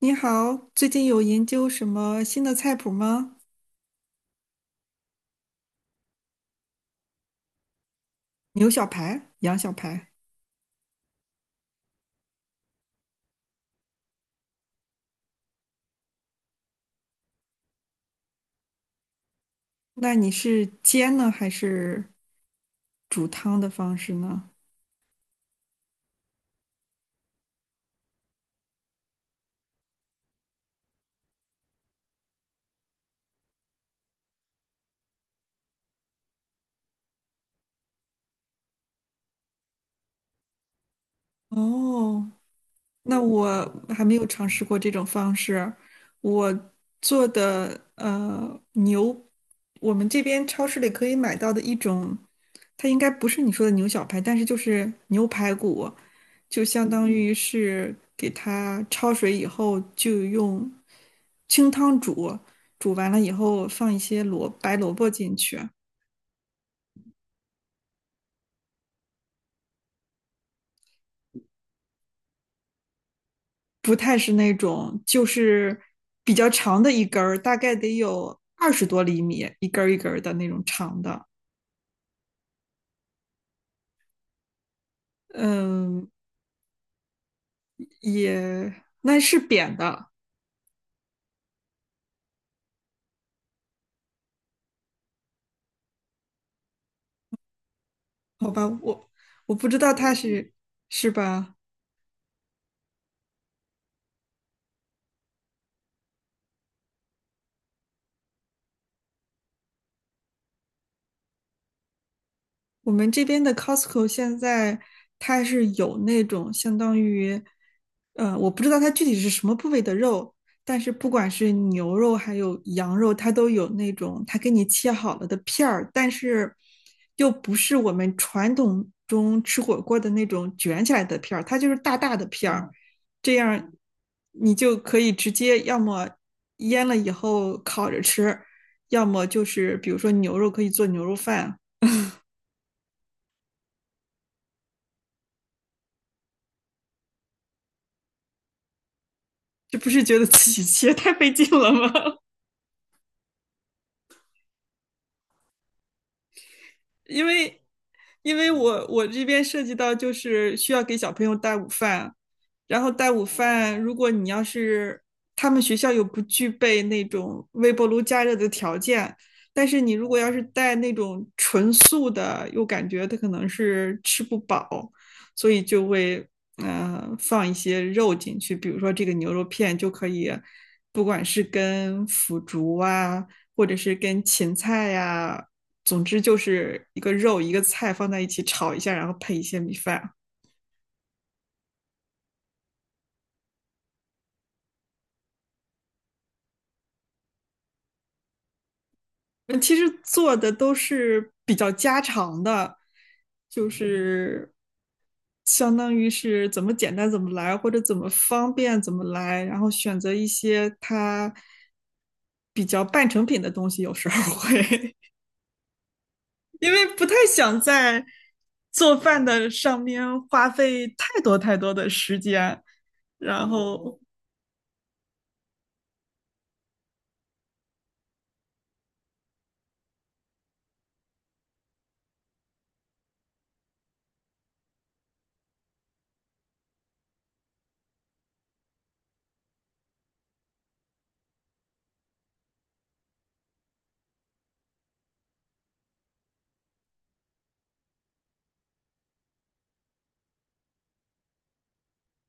你好，最近有研究什么新的菜谱吗？牛小排、羊小排，那你是煎呢，还是煮汤的方式呢？哦，那我还没有尝试过这种方式。我做的牛，我们这边超市里可以买到的一种，它应该不是你说的牛小排，但是就是牛排骨，就相当于是给它焯水以后，就用清汤煮，煮完了以后放一些萝白萝卜进去。不太是那种就是比较长的一根儿，大概得有20多厘米，一根儿一根儿的那种长的。嗯，也那是扁的。好吧，我不知道它是是吧？我们这边的 Costco 现在它是有那种相当于，我不知道它具体是什么部位的肉，但是不管是牛肉还有羊肉，它都有那种它给你切好了的片儿，但是又不是我们传统中吃火锅的那种卷起来的片儿，它就是大大的片儿，这样你就可以直接要么腌了以后烤着吃，要么就是比如说牛肉可以做牛肉饭。这不是觉得自己切太费劲了吗？因为因为我这边涉及到就是需要给小朋友带午饭，然后带午饭，如果你要是他们学校又不具备那种微波炉加热的条件，但是你如果要是带那种纯素的，又感觉他可能是吃不饱，所以就会放一些肉进去，比如说这个牛肉片就可以，不管是跟腐竹啊，或者是跟芹菜呀、啊总之就是一个肉一个菜放在一起炒一下，然后配一些米饭。嗯，其实做的都是比较家常的，就是相当于是怎么简单怎么来，或者怎么方便怎么来，然后选择一些它比较半成品的东西，有时候会 因为不太想在做饭的上面花费太多太多的时间。然后。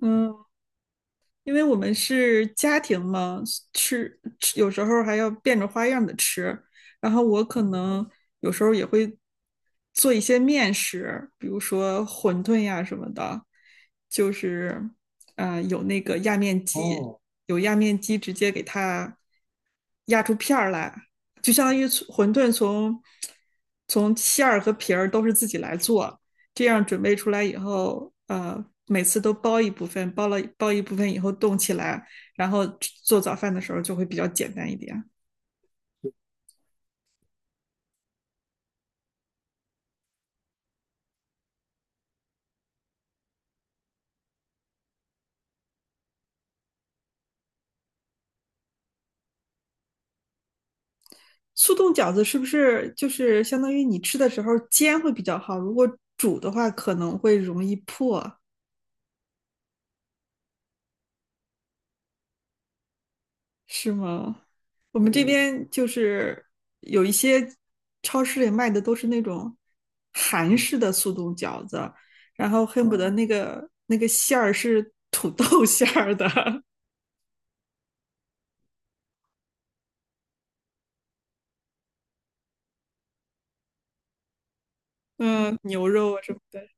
嗯，因为我们是家庭嘛，吃吃有时候还要变着花样的吃。然后我可能有时候也会做一些面食，比如说馄饨呀什么的，就是有那个压面机。哦，有压面机直接给它压出片儿来，就相当于馄饨从馅儿和皮儿都是自己来做，这样准备出来以后，呃，每次都包一部分，包一部分以后冻起来，然后做早饭的时候就会比较简单一点。速冻饺子是不是就是相当于你吃的时候煎会比较好？如果煮的话可能会容易破。是吗？我们这边就是有一些超市里卖的都是那种韩式的速冻饺子，然后恨不得那个那个馅儿是土豆 馅儿的。嗯，牛肉啊什么的。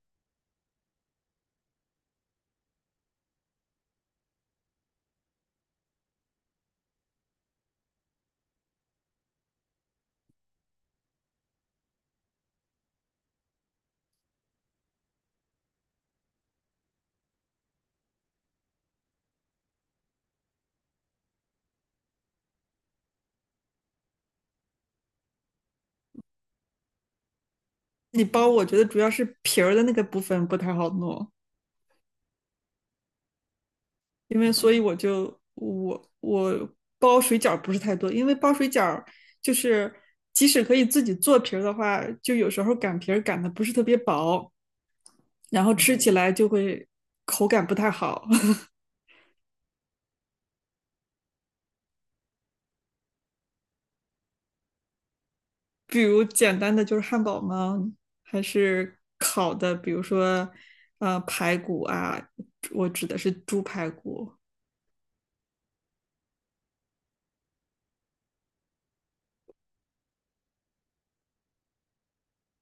你包我觉得主要是皮儿的那个部分不太好弄，因为所以我就我我包水饺不是太多，因为包水饺就是即使可以自己做皮儿的话，就有时候擀皮儿擀的不是特别薄。然后吃起来就会口感不太好。 比如简单的就是汉堡吗？还是烤的，比如说排骨啊，我指的是猪排骨。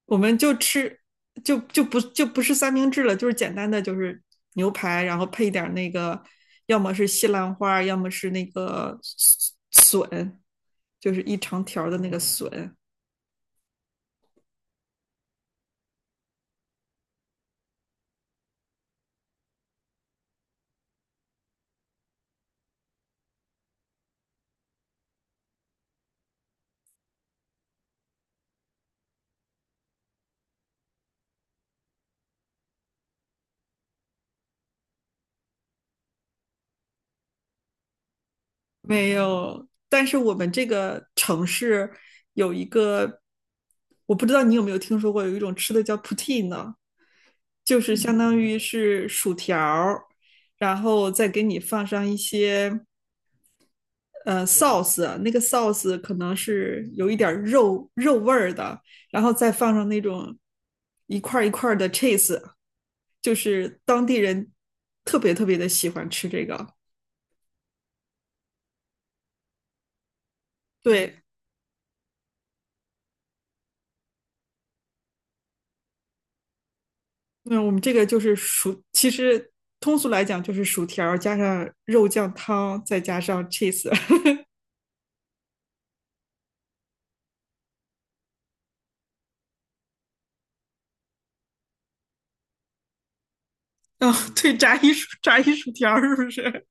我们就吃就不是三明治了，就是简单的就是牛排，然后配点那个，要么是西兰花，要么是那个笋，就是一长条的那个笋。没有，但是我们这个城市有一个，我不知道你有没有听说过，有一种吃的叫 poutine， 就是相当于是薯条儿然后再给你放上一些sauce。那个 sauce 可能是有一点儿肉肉味儿的，然后再放上那种一块儿一块儿的 cheese，就是当地人特别特别的喜欢吃这个。对。嗯，我们这个就是薯，其实通俗来讲就是薯条儿加上肉酱汤，再加上 cheese。嗯 对，炸一薯条儿是不是？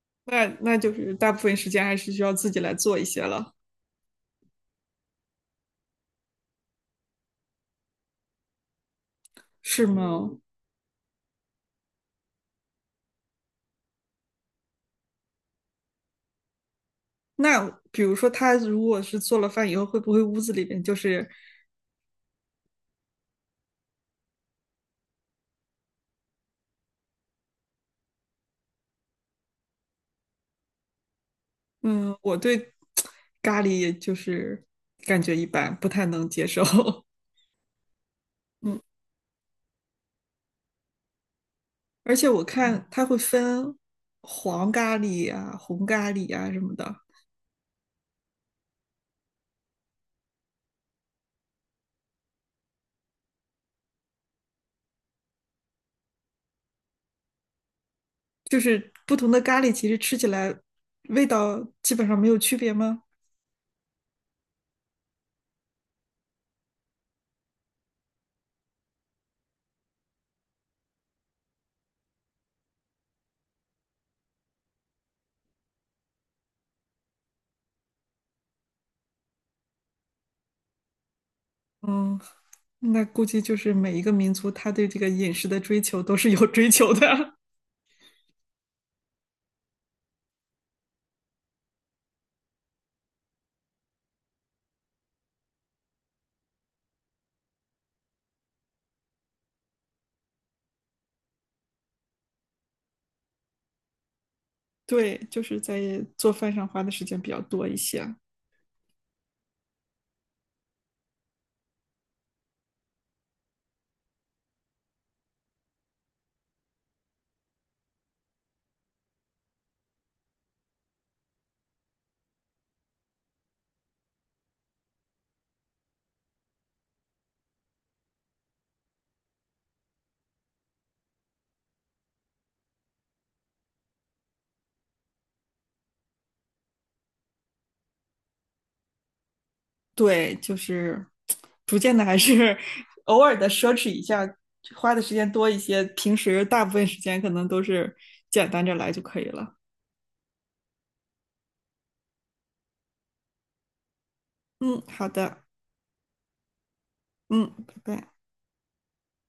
那那就是大部分时间还是需要自己来做一些了。是吗？那比如说他如果是做了饭以后，会不会屋子里面就是。嗯，我对咖喱就是感觉一般，不太能接受。而且我看他会分黄咖喱啊、红咖喱啊什么的。就是不同的咖喱，其实吃起来味道基本上没有区别吗？嗯，那估计就是每一个民族他对这个饮食的追求都是有追求的。对，就是在做饭上花的时间比较多一些。对，就是逐渐的还是偶尔的奢侈一下，花的时间多一些。平时大部分时间可能都是简单着来就可以了。嗯，好的。嗯，拜拜。